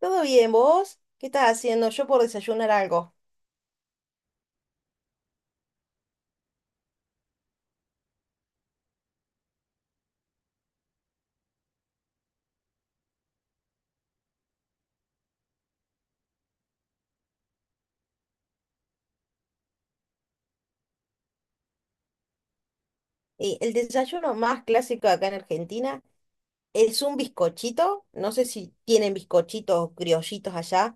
¿Todo bien, vos? ¿Qué estás haciendo? Yo por desayunar algo. El desayuno más clásico acá en Argentina es un bizcochito. No sé si tienen bizcochitos o criollitos allá,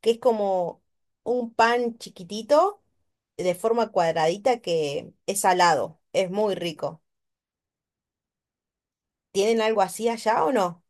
que es como un pan chiquitito de forma cuadradita que es salado. Es muy rico. ¿Tienen algo así allá o no?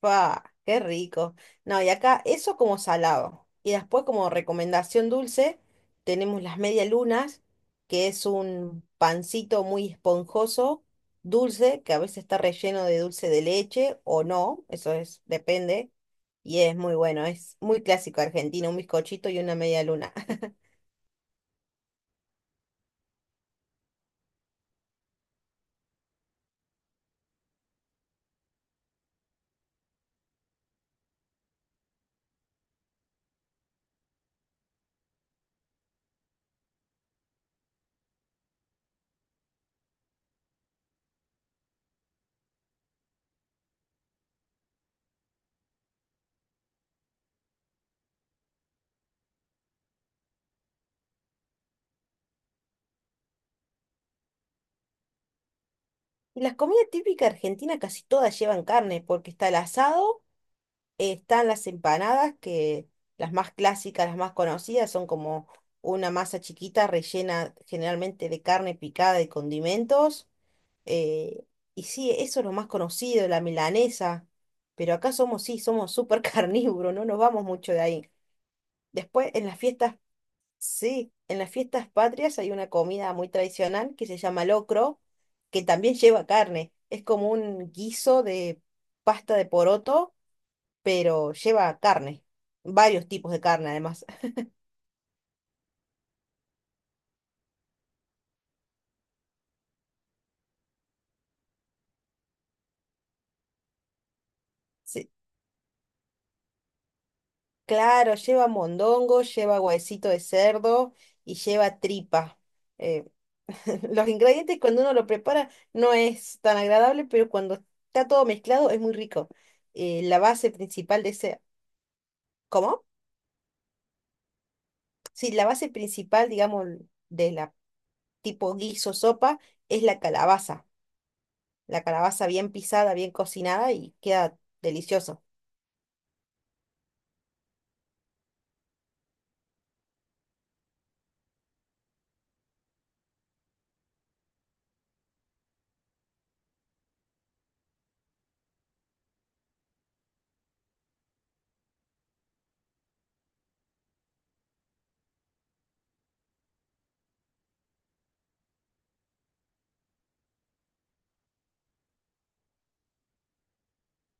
Pa, qué rico. No, y acá eso como salado. Y después como recomendación dulce, tenemos las medialunas, que es un pancito muy esponjoso, dulce, que a veces está relleno de dulce de leche o no, eso es, depende. Y es muy bueno, es muy clásico argentino, un bizcochito y una media luna. Y las comidas típicas argentinas casi todas llevan carne, porque está el asado. Están las empanadas, que las más clásicas, las más conocidas, son como una masa chiquita rellena generalmente de carne picada y condimentos. eh, y sí, eso es lo más conocido, la milanesa. Pero acá somos, sí, somos súper carnívoros, no nos vamos mucho de ahí. Después, en las fiestas, sí, en las fiestas patrias hay una comida muy tradicional que se llama locro, que también lleva carne. Es como un guiso de pasta de poroto pero lleva carne, varios tipos de carne además. Sí, claro, lleva mondongo, lleva huesito de cerdo y lleva tripa. Eh, los ingredientes cuando uno lo prepara no es tan agradable, pero cuando está todo mezclado es muy rico. La base principal de ese... ¿Cómo? Sí, la base principal, digamos, de la tipo guiso sopa es la calabaza. La calabaza bien pisada, bien cocinada y queda delicioso.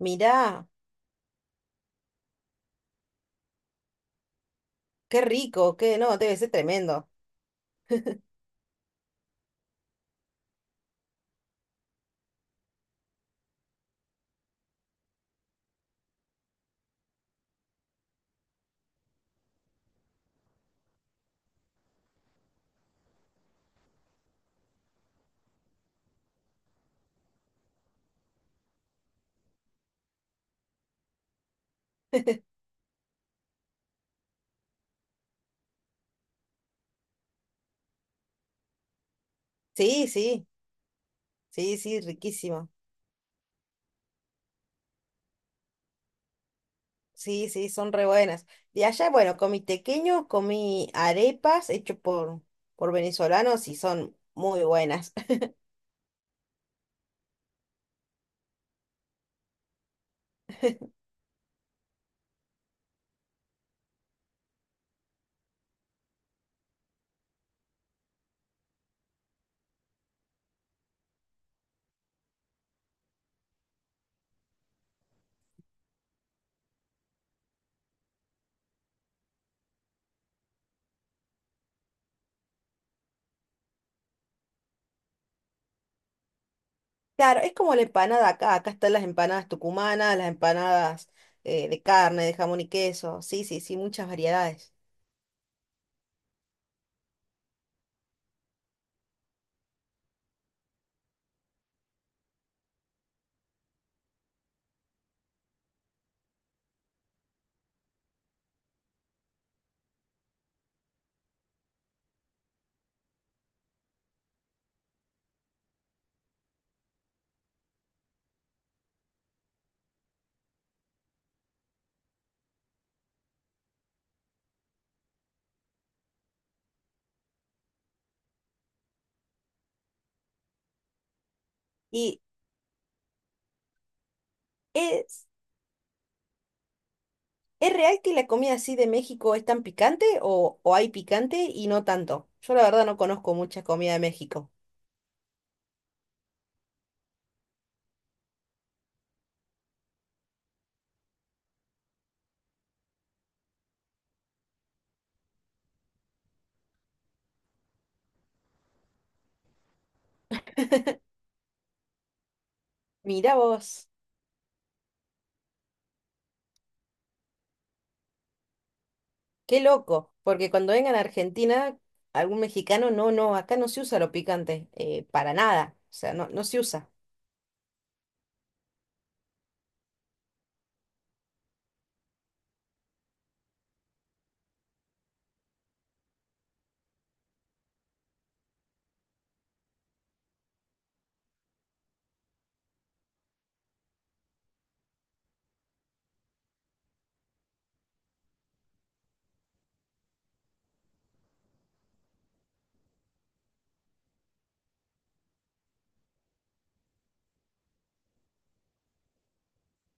Mirá. Qué rico, qué no, debe ser tremendo. Sí, sí, sí, sí, riquísimo. Sí, sí, son re buenas. De allá, bueno, comí tequeño, comí arepas hecho por venezolanos y son muy buenas. Claro, es como la empanada acá. Acá están las empanadas tucumanas, las empanadas de carne, de jamón y queso. Sí, sí, sí, muchas variedades. ¿Y es, es real que la comida así de México es tan picante o hay picante y no tanto? Yo la verdad no conozco mucha comida de México. Mirá vos, qué loco, porque cuando vengan a Argentina, algún mexicano, no, no, acá no se usa lo picante, para nada, o sea, no, no se usa.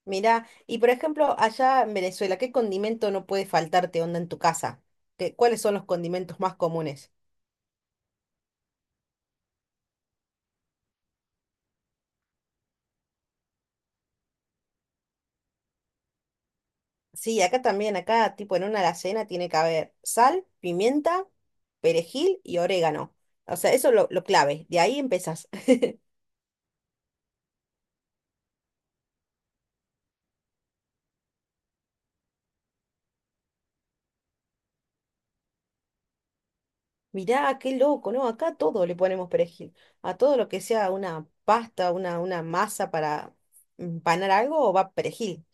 Mirá, y por ejemplo, allá en Venezuela, ¿qué condimento no puede faltarte onda en tu casa? ¿Qué- cuáles son los condimentos más comunes? Sí, acá también, acá tipo en una alacena tiene que haber sal, pimienta, perejil y orégano. O sea, eso es lo clave, de ahí empezás. Mirá, qué loco, ¿no? Acá a todo le ponemos perejil. A todo lo que sea una pasta, una masa para empanar algo, va perejil.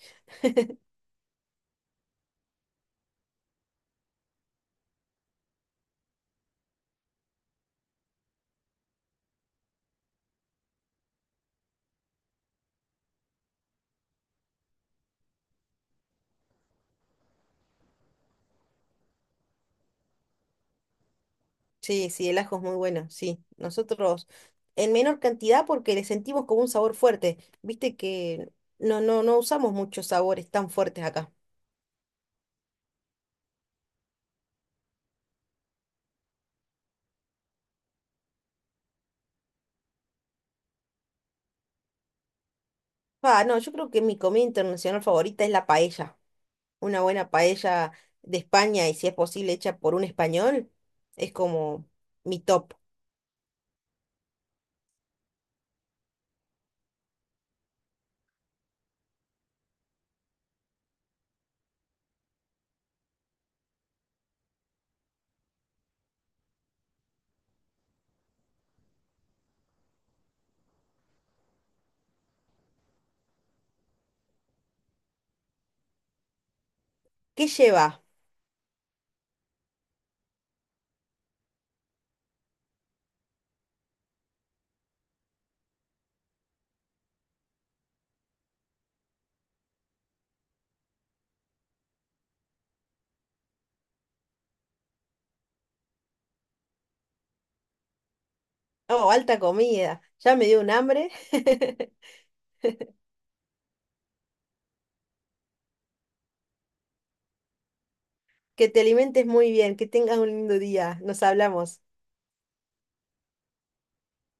Sí, sí, el ajo es muy bueno, sí. Nosotros en menor cantidad porque le sentimos como un sabor fuerte. Viste que no, no, no usamos muchos sabores tan fuertes acá. Ah, no, yo creo que mi comida internacional favorita es la paella. Una buena paella de España y si es posible hecha por un español, es como mi top. ¿Qué lleva? Oh, alta comida. Ya me dio un hambre. Que te alimentes muy bien, que tengas un lindo día. Nos hablamos.